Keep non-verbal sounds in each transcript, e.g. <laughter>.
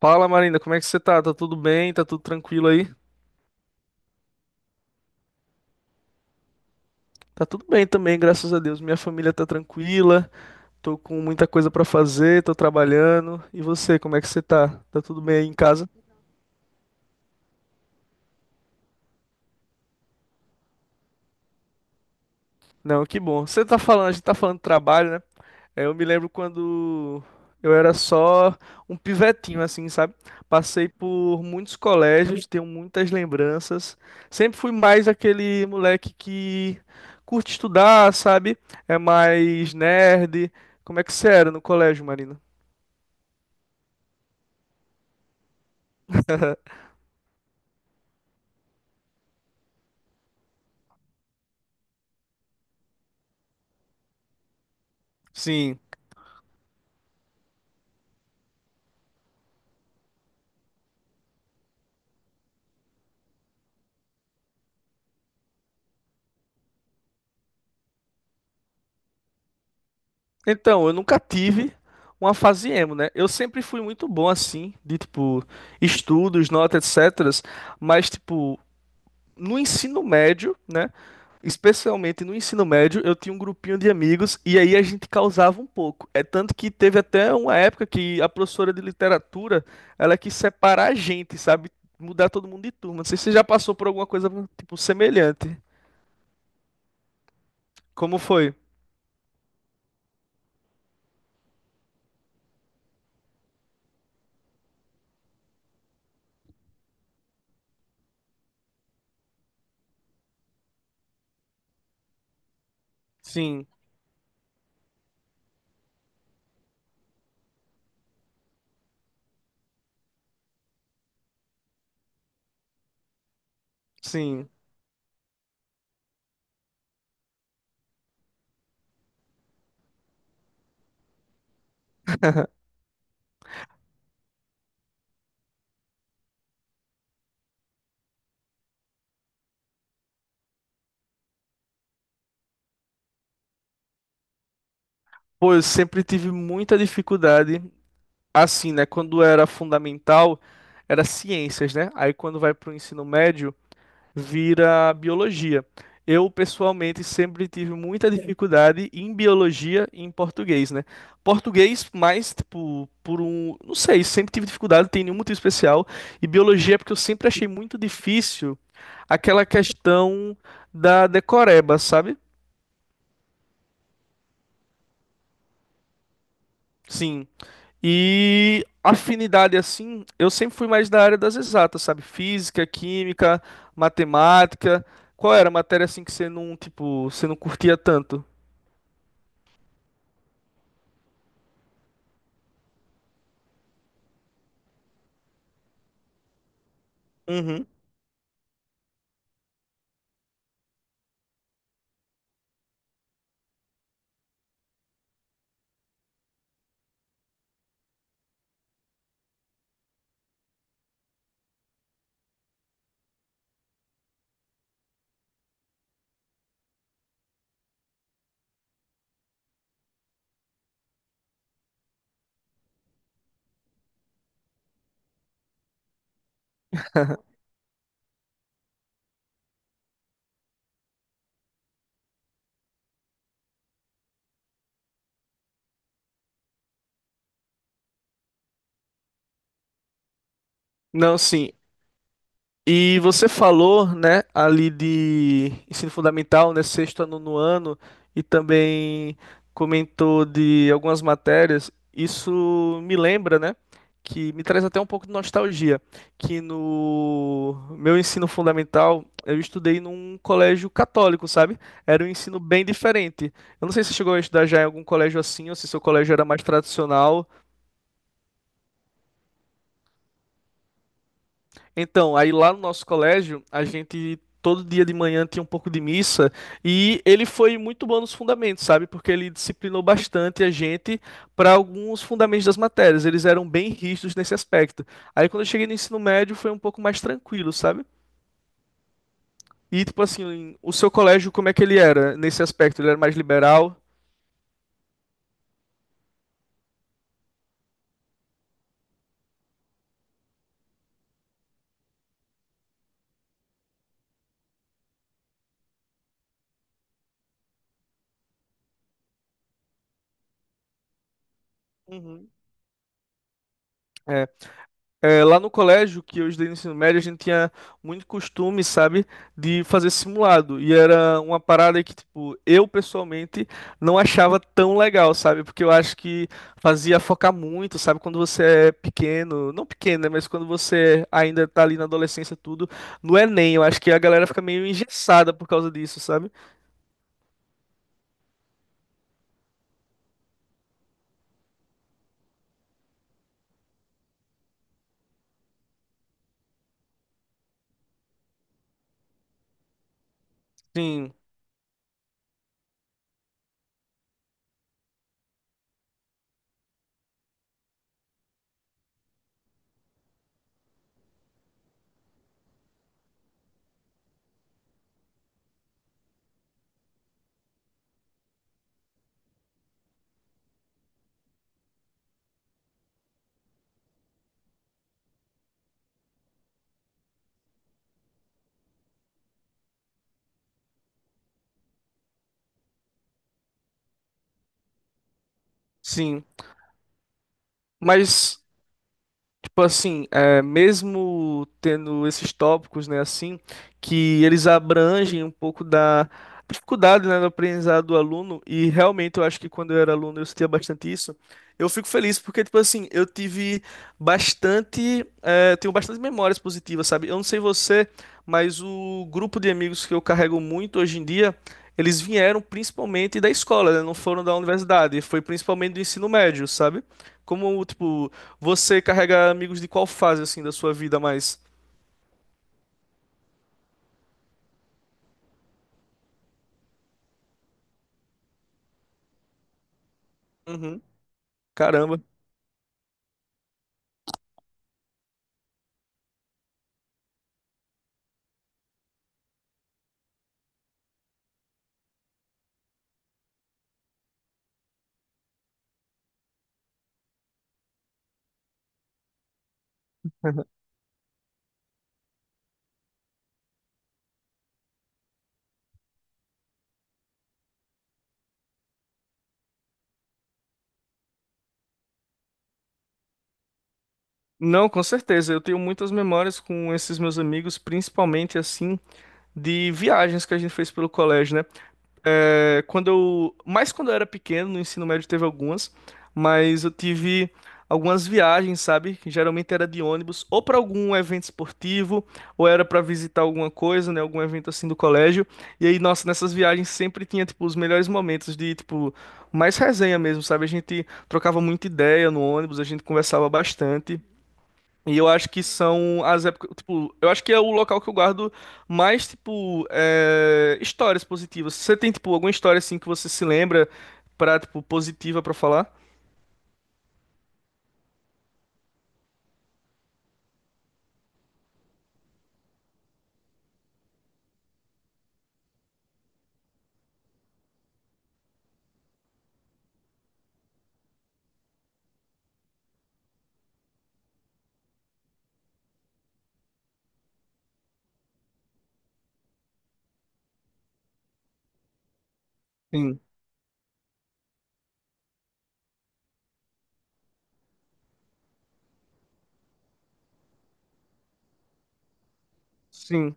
Fala, Marina, como é que você tá? Tá tudo bem? Tá tudo tranquilo aí? Tá tudo bem também, graças a Deus. Minha família tá tranquila, tô com muita coisa pra fazer, tô trabalhando. E você, como é que você tá? Tá tudo bem aí em casa? Não, que bom. Você tá falando, a gente tá falando de trabalho, né? É, eu me lembro quando eu era só um pivetinho, assim, sabe? Passei por muitos colégios, tenho muitas lembranças. Sempre fui mais aquele moleque que curte estudar, sabe? É mais nerd. Como é que você era no colégio, Marina? Sim. Então, eu nunca tive uma fase emo, né? Eu sempre fui muito bom, assim, de, tipo, estudos, notas, etc. Mas, tipo, no ensino médio, né? Especialmente no ensino médio, eu tinha um grupinho de amigos e aí a gente causava um pouco. É tanto que teve até uma época que a professora de literatura, ela quis separar a gente, sabe? Mudar todo mundo de turma. Não sei se você já passou por alguma coisa, tipo, semelhante. Como foi? Sim, sim. Pô, eu sempre tive muita dificuldade, assim, né? Quando era fundamental, era ciências, né? Aí quando vai pro ensino médio, vira biologia. Eu, pessoalmente, sempre tive muita dificuldade em biologia e em português, né? Português, mais, tipo, por um. Não sei, sempre tive dificuldade, tem nenhum motivo especial. E biologia, é porque eu sempre achei muito difícil aquela questão da decoreba, sabe? Sim. E afinidade, assim, eu sempre fui mais da área das exatas, sabe? Física, química, matemática. Qual era a matéria, assim, que você não, tipo, você não curtia tanto? Uhum. Não, sim. E você falou, né, ali de ensino fundamental, né, sexto a nono ano, e também comentou de algumas matérias. Isso me lembra, né, que me traz até um pouco de nostalgia, que no meu ensino fundamental eu estudei num colégio católico, sabe? Era um ensino bem diferente. Eu não sei se você chegou a estudar já em algum colégio assim, ou se seu colégio era mais tradicional. Então, aí lá no nosso colégio, a gente todo dia de manhã tinha um pouco de missa e ele foi muito bom nos fundamentos, sabe? Porque ele disciplinou bastante a gente para alguns fundamentos das matérias. Eles eram bem rígidos nesse aspecto. Aí quando eu cheguei no ensino médio foi um pouco mais tranquilo, sabe? E tipo assim, o seu colégio, como é que ele era nesse aspecto? Ele era mais liberal? Uhum. É. É, lá no colégio que eu estudei no ensino médio, a gente tinha muito costume, sabe, de fazer simulado. E era uma parada que, tipo, eu pessoalmente não achava tão legal, sabe? Porque eu acho que fazia focar muito, sabe? Quando você é pequeno, não pequeno, né? Mas quando você ainda tá ali na adolescência, tudo, no Enem. Eu acho que a galera fica meio engessada por causa disso, sabe? Sim, sim. Mas. Tipo assim, é, mesmo tendo esses tópicos, né, assim, que eles abrangem um pouco da dificuldade, né, do aprendizado do aluno, e realmente eu acho que quando eu era aluno eu sentia bastante isso, eu fico feliz porque, tipo assim, eu tive bastante, é, tenho bastante memórias positivas, sabe? Eu não sei você, mas o grupo de amigos que eu carrego muito hoje em dia, eles vieram principalmente da escola, né, não foram da universidade, foi principalmente do ensino médio, sabe? Como, tipo, você carrega amigos de qual fase, assim, da sua vida mais? Uhum. Caramba. <laughs> Não, com certeza. Eu tenho muitas memórias com esses meus amigos, principalmente assim de viagens que a gente fez pelo colégio, né? É, quando eu, mais quando eu era pequeno, no ensino médio teve algumas, mas eu tive algumas viagens, sabe? Que geralmente era de ônibus, ou para algum evento esportivo, ou era para visitar alguma coisa, né? Algum evento assim do colégio. E aí, nossa, nessas viagens sempre tinha, tipo, os melhores momentos de, tipo, mais resenha mesmo, sabe? A gente trocava muita ideia no ônibus, a gente conversava bastante. E eu acho que são as épocas, tipo, eu acho que é o local que eu guardo mais, tipo, é, histórias positivas. Você tem, tipo, alguma história, assim, que você se lembra pra, tipo, positiva pra falar? Sim. Sim.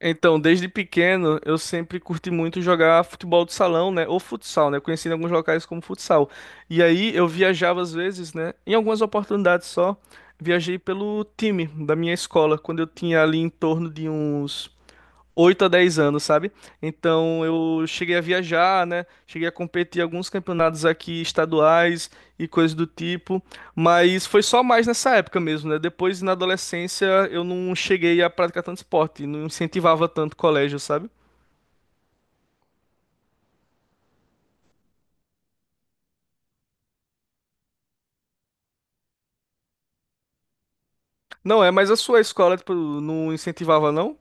Então, desde pequeno, eu sempre curti muito jogar futebol de salão, né? Ou futsal, né? Conheci em alguns locais como futsal. E aí, eu viajava às vezes, né? Em algumas oportunidades só, viajei pelo time da minha escola, quando eu tinha ali em torno de uns... 8 a 10 anos, sabe? Então eu cheguei a viajar, né? Cheguei a competir em alguns campeonatos aqui estaduais e coisas do tipo, mas foi só mais nessa época mesmo, né? Depois na adolescência eu não cheguei a praticar tanto esporte, não incentivava tanto o colégio, sabe? Não é, mas a sua escola tipo, não incentivava, não?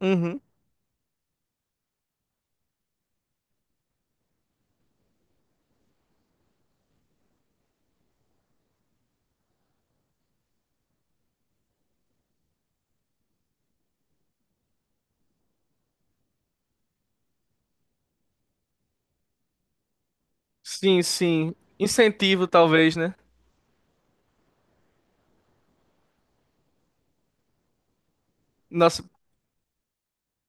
Uhum. Sim, sim. Incentivo, talvez, né? Nossa,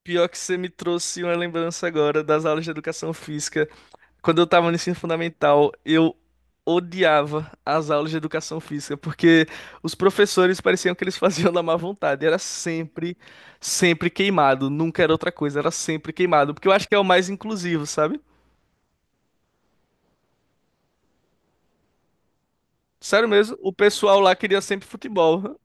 pior que você me trouxe uma lembrança agora das aulas de educação física. Quando eu tava no ensino fundamental, eu odiava as aulas de educação física, porque os professores pareciam que eles <laughs> faziam da má vontade. Era sempre queimado. Nunca era outra coisa, era sempre queimado. Porque eu acho que é o mais inclusivo, sabe? Sério mesmo, o pessoal lá queria sempre futebol.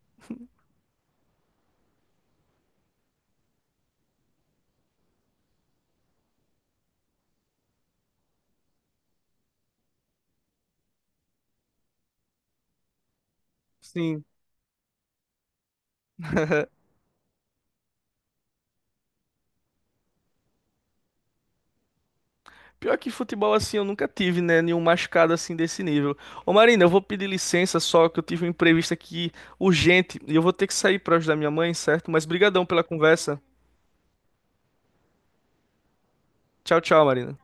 Sim. <laughs> Pior que futebol assim, eu nunca tive, né? Nenhum machucado assim desse nível. Ô Marina, eu vou pedir licença só que eu tive um imprevisto aqui urgente e eu vou ter que sair pra ajudar minha mãe, certo? Mas brigadão pela conversa. Tchau, tchau, Marina.